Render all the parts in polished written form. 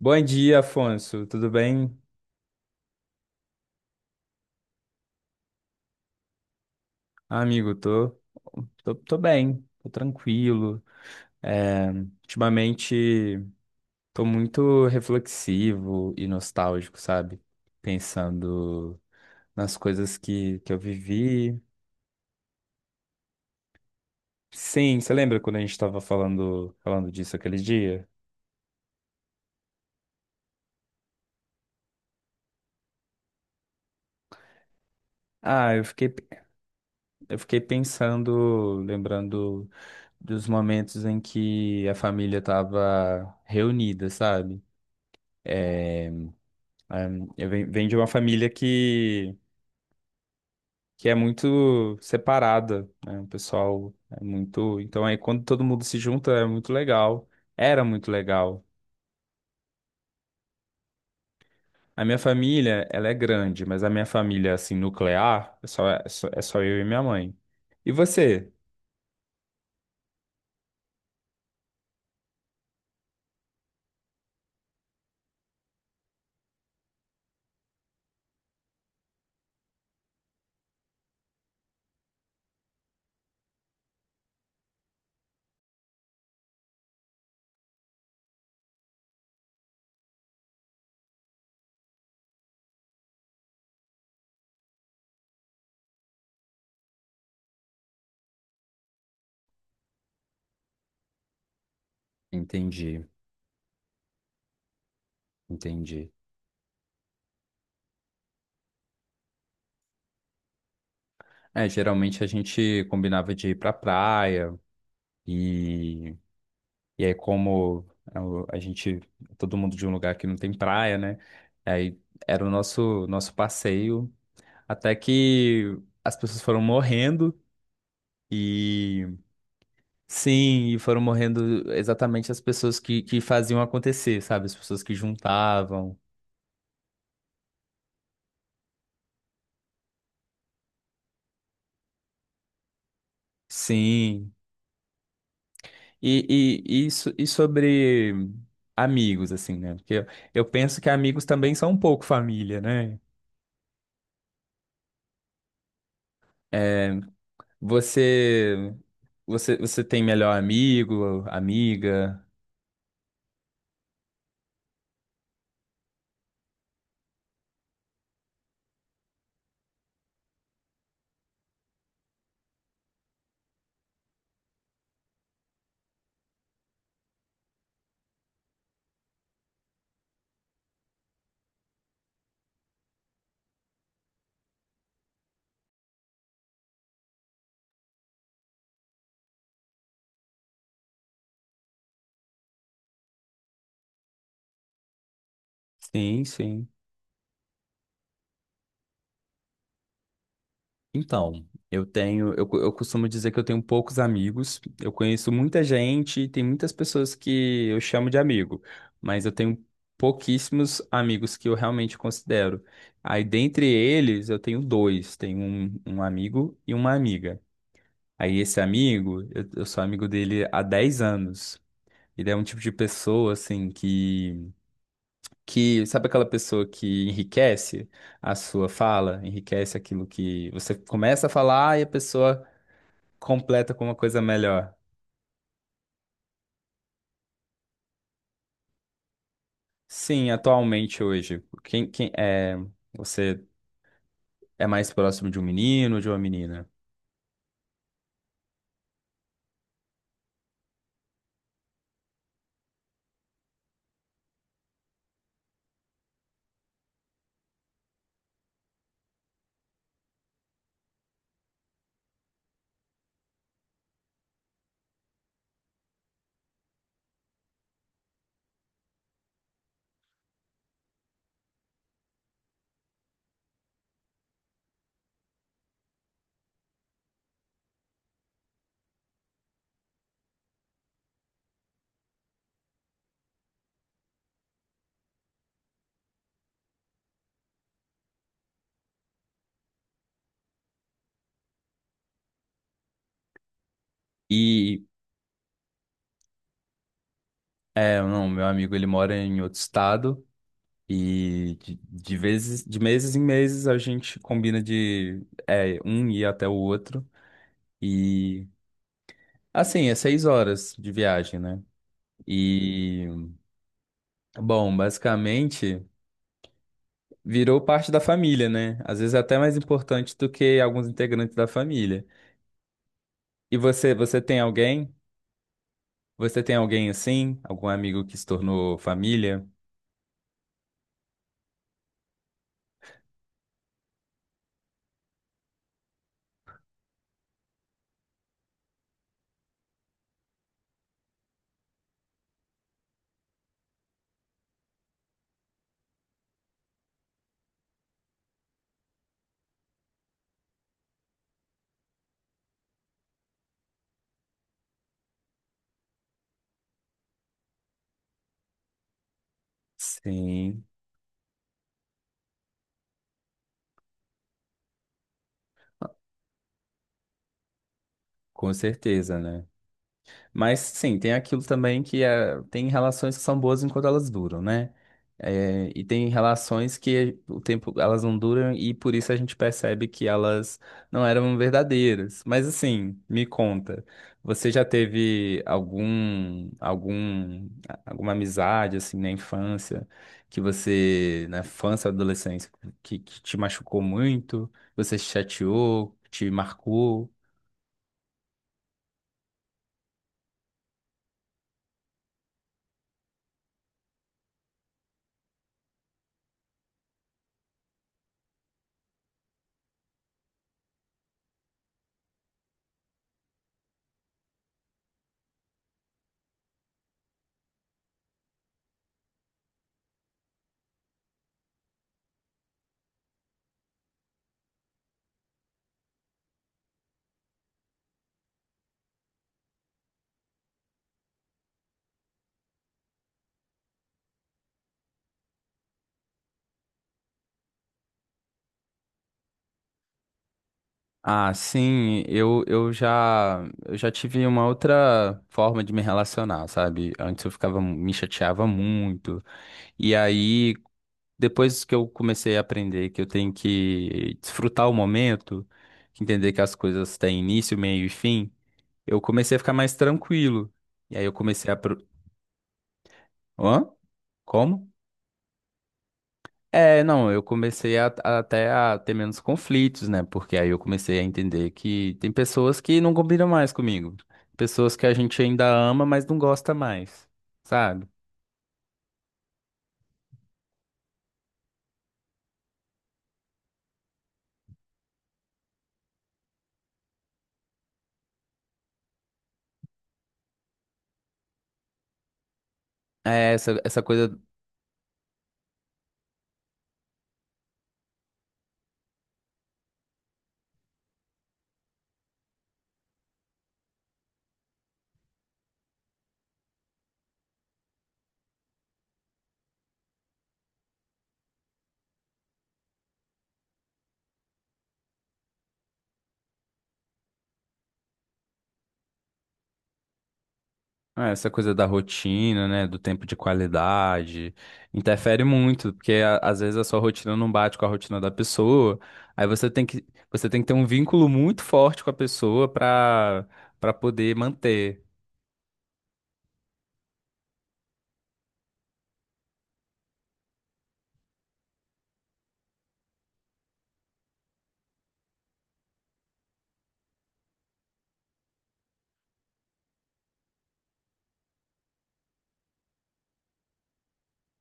Bom dia, Afonso. Tudo bem? Ah, amigo, tô bem, tô tranquilo. É, ultimamente tô muito reflexivo e nostálgico, sabe? Pensando nas coisas que eu vivi. Sim, você lembra quando a gente tava falando disso aquele dia? Ah, eu fiquei, eu fiquei pensando, lembrando dos momentos em que a família tava reunida, sabe? Eu venho de uma família que é muito separada, né? O pessoal é muito. Então, aí, quando todo mundo se junta, é muito legal. Era muito legal. A minha família, ela é grande, mas a minha família, assim, nuclear, é só eu e minha mãe. E você? Entendi, entendi. É, geralmente a gente combinava de ir pra praia e E aí, como é, a gente, todo mundo de um lugar que não tem praia, né? Aí era o nosso passeio. Até que as pessoas foram morrendo. E sim, e foram morrendo exatamente as pessoas que faziam acontecer, sabe? As pessoas que juntavam. Sim. E, e sobre amigos, assim, né? Eu penso que amigos também são um pouco família, né? É, Você, você tem melhor amigo, amiga? Sim, sim. Então, eu costumo dizer que eu tenho poucos amigos. Eu conheço muita gente, e tem muitas pessoas que eu chamo de amigo, mas eu tenho pouquíssimos amigos que eu realmente considero. Aí, dentre eles, eu tenho dois, tenho um, um amigo e uma amiga. Aí, esse amigo, eu sou amigo dele há 10 anos. Ele é um tipo de pessoa, assim, que sabe aquela pessoa que enriquece a sua fala, enriquece aquilo que você começa a falar e a pessoa completa com uma coisa melhor. Sim, atualmente hoje, quem é você é mais próximo de um menino ou de uma menina? E é, não, meu amigo ele mora em outro estado e de vezes, de meses em meses a gente combina de é, um ir até o outro e assim, é 6 horas de viagem, né? E bom, basicamente virou parte da família, né? Às vezes é até mais importante do que alguns integrantes da família. E você tem alguém? Você tem alguém assim? Algum amigo que se tornou família? Sim, com certeza, né? Mas sim, tem aquilo também tem relações que são boas enquanto elas duram, né? É, e tem relações que o tempo elas não duram e por isso a gente percebe que elas não eram verdadeiras. Mas assim, me conta, você já teve alguma amizade assim na infância na infância, adolescência, que te machucou muito, você se chateou, te marcou? Ah, sim, eu já tive uma outra forma de me relacionar, sabe? Antes eu me chateava muito. E aí, depois que eu comecei a aprender que eu tenho que desfrutar o momento, que entender que as coisas têm início, meio e fim, eu comecei a ficar mais tranquilo. E aí eu comecei a... Pro... Hã? Como? É, não, eu comecei até a ter menos conflitos, né? Porque aí eu comecei a entender que tem pessoas que não combinam mais comigo. Pessoas que a gente ainda ama, mas não gosta mais, sabe? É essa, essa coisa, essa coisa da rotina, né? Do tempo de qualidade, interfere muito, porque às vezes a sua rotina não bate com a rotina da pessoa. Aí você tem que ter um vínculo muito forte com a pessoa pra poder manter.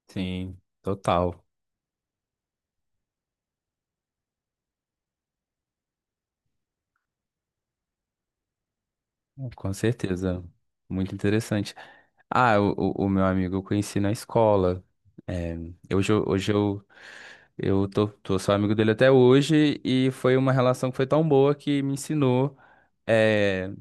Sim, total. Com certeza, muito interessante. Ah, o, o meu amigo eu conheci na escola. É, hoje eu, tô só amigo dele até hoje e foi uma relação que foi tão boa que me ensinou, é,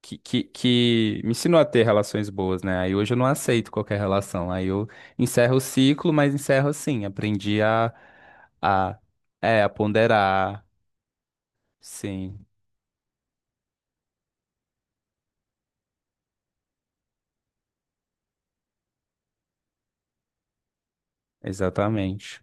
que me ensinou a ter relações boas, né? Aí hoje eu não aceito qualquer relação. Aí eu encerro o ciclo, mas encerro assim. Aprendi a, a ponderar. Sim, exatamente.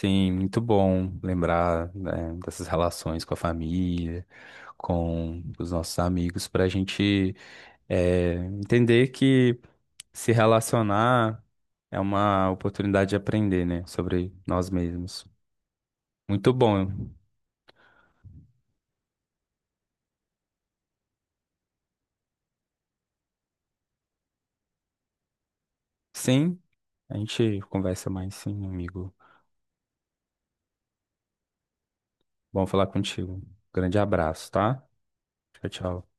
Sim, muito bom lembrar, né, dessas relações com a família, com os nossos amigos, para a gente eh, entender que se relacionar é uma oportunidade de aprender, né, sobre nós mesmos. Muito bom. Sim, a gente conversa mais, sim, amigo. Bom falar contigo. Grande abraço, tá? Tchau, tchau.